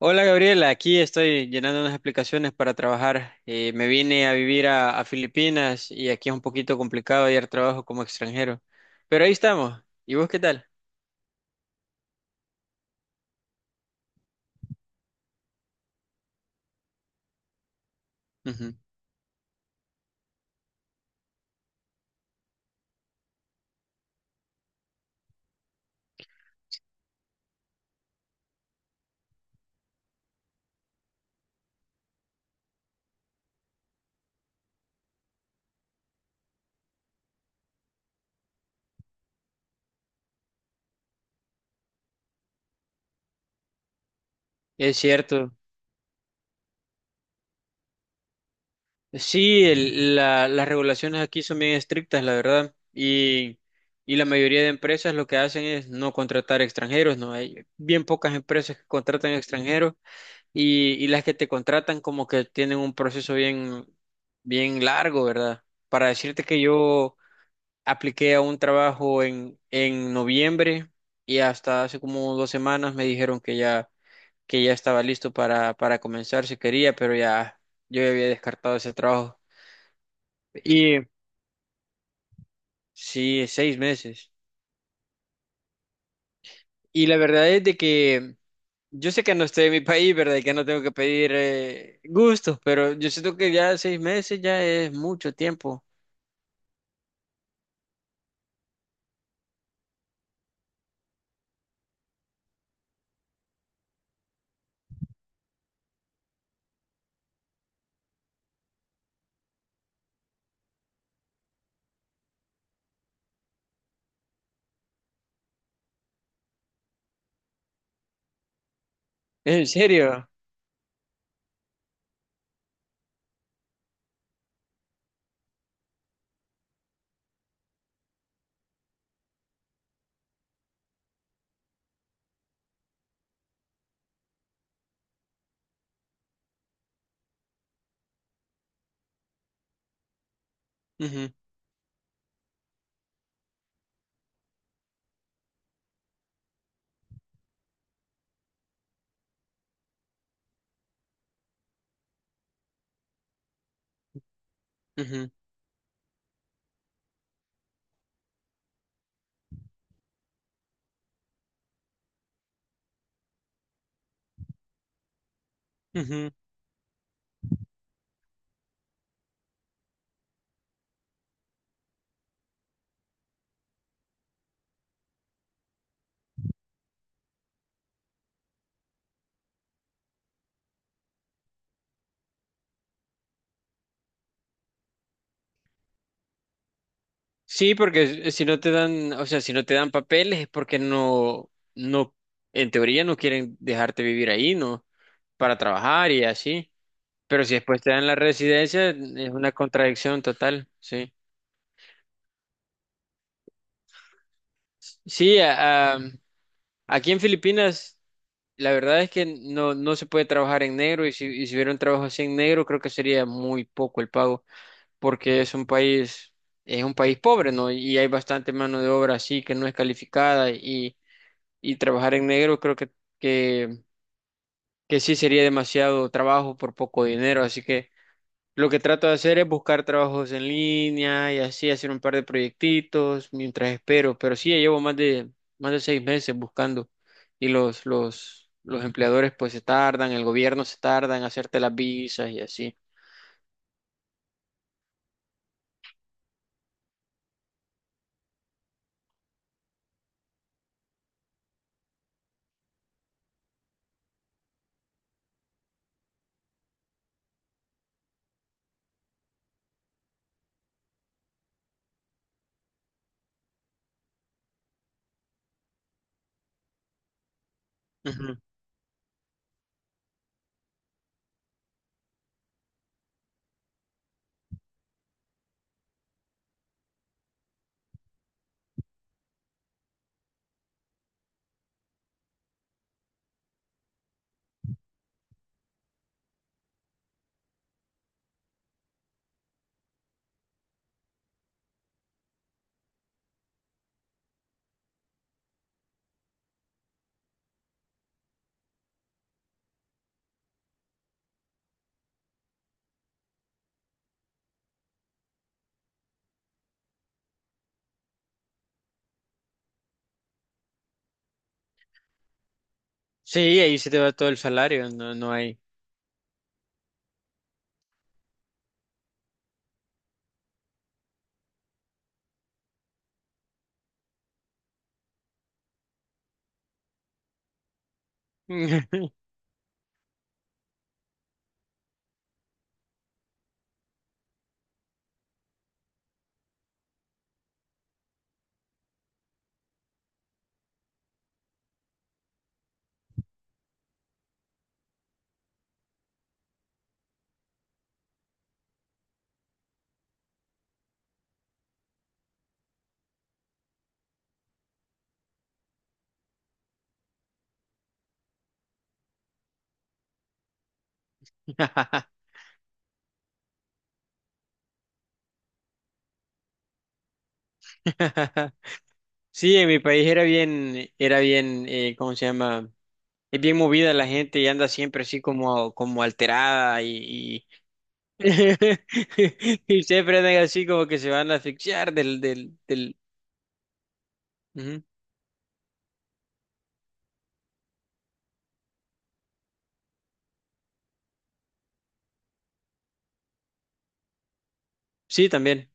Hola Gabriela, aquí estoy llenando unas aplicaciones para trabajar. Me vine a vivir a Filipinas y aquí es un poquito complicado hallar trabajo como extranjero. Pero ahí estamos. ¿Y vos qué tal? Ujú. Es cierto. Sí, las regulaciones aquí son bien estrictas, la verdad. Y la mayoría de empresas lo que hacen es no contratar extranjeros, ¿no? Hay bien pocas empresas que contratan extranjeros. Y las que te contratan como que tienen un proceso bien, bien largo, ¿verdad? Para decirte que yo apliqué a un trabajo en noviembre y hasta hace como dos semanas me dijeron que ya estaba listo para comenzar si quería, pero ya yo ya había descartado ese trabajo. Y sí, seis meses. Y la verdad es de que yo sé que no estoy en mi país, ¿verdad? Y que no tengo que pedir gustos, pero yo siento que ya seis meses ya es mucho tiempo. ¿En serio? Ujú, ujú, ujú. Sí, porque si no te dan, o sea, si no te dan papeles es porque no, en teoría no quieren dejarte vivir ahí, ¿no? Para trabajar y así. Pero si después te dan la residencia, es una contradicción total, sí. Sí, aquí en Filipinas, la verdad es que no, no se puede trabajar en negro y y si hubiera un trabajo así en negro, creo que sería muy poco el pago, porque es un país pobre, ¿no? Y hay bastante mano de obra así que no es calificada y trabajar en negro creo que, que sí sería demasiado trabajo por poco dinero, así que lo que trato de hacer es buscar trabajos en línea y así hacer un par de proyectitos mientras espero, pero sí, ya llevo más de seis meses buscando y los empleadores pues se tardan, el gobierno se tarda en hacerte las visas y así. Ujú. Sí, ahí se te va todo el salario, no, no hay. Sí, en mi país era bien, ¿cómo se llama? Es bien movida la gente y anda siempre así como, como alterada y, y siempre andan así como que se van a asfixiar del... Ujú. Sí, también.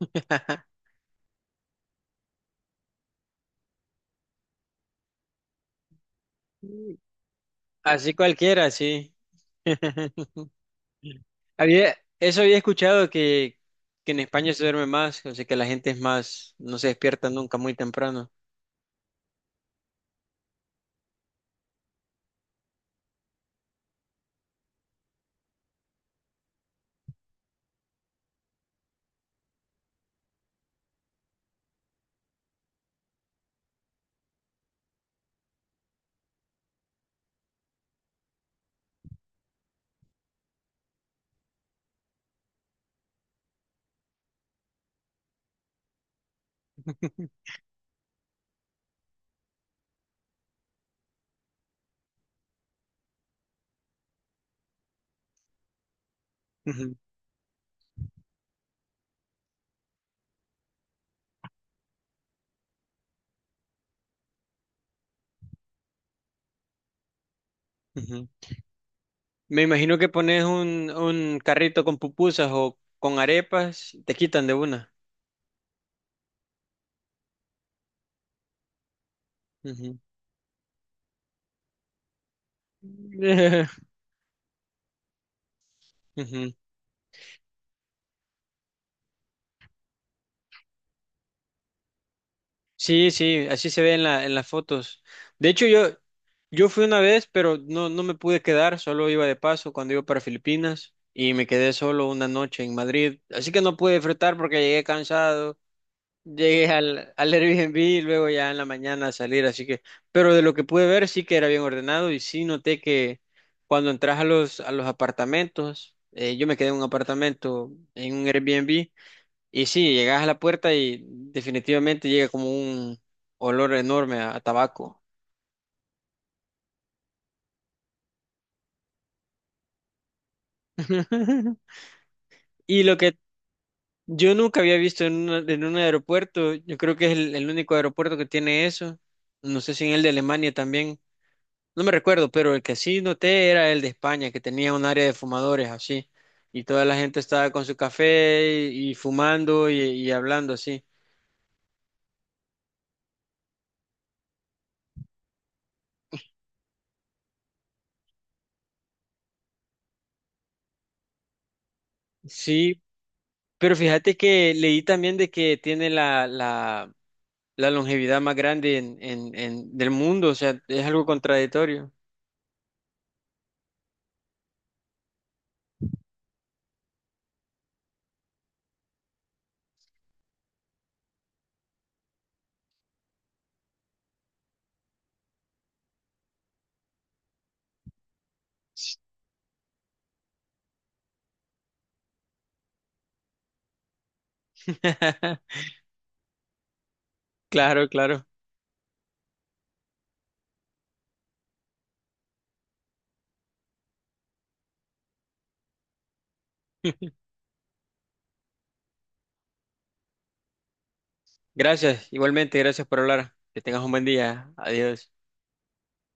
Así cualquiera, sí. Había, eso había escuchado que en España se duerme más, o sea que la gente es más, no se despierta nunca muy temprano. Ujú, ujú. Me imagino que pones un carrito con pupusas o con arepas, te quitan de una. Ujú. Ujú. Sí, sí, así se ve en la, en las fotos. De hecho, yo fui una vez, pero no, no me pude quedar, solo iba de paso cuando iba para Filipinas y me quedé solo una noche en Madrid. Así que no pude disfrutar porque llegué cansado. Llegué al, al Airbnb y luego ya en la mañana a salir, así que, pero de lo que pude ver sí que era bien ordenado y sí noté que cuando entras a los apartamentos, yo me quedé en un apartamento, en un Airbnb, y sí, llegas a la puerta y definitivamente llega como un olor enorme a tabaco. Y lo que yo nunca había visto en un aeropuerto, yo creo que es el único aeropuerto que tiene eso, no sé si en el de Alemania también. No me recuerdo, pero el que sí noté era el de España, que tenía un área de fumadores así, y toda la gente estaba con su café y fumando y hablando así. Sí, pero fíjate que leí también de que tiene la, la, la longevidad más grande del mundo, o sea, es algo contradictorio. Claro, claro. Gracias, igualmente, gracias por hablar. Que tengas un buen día. Adiós.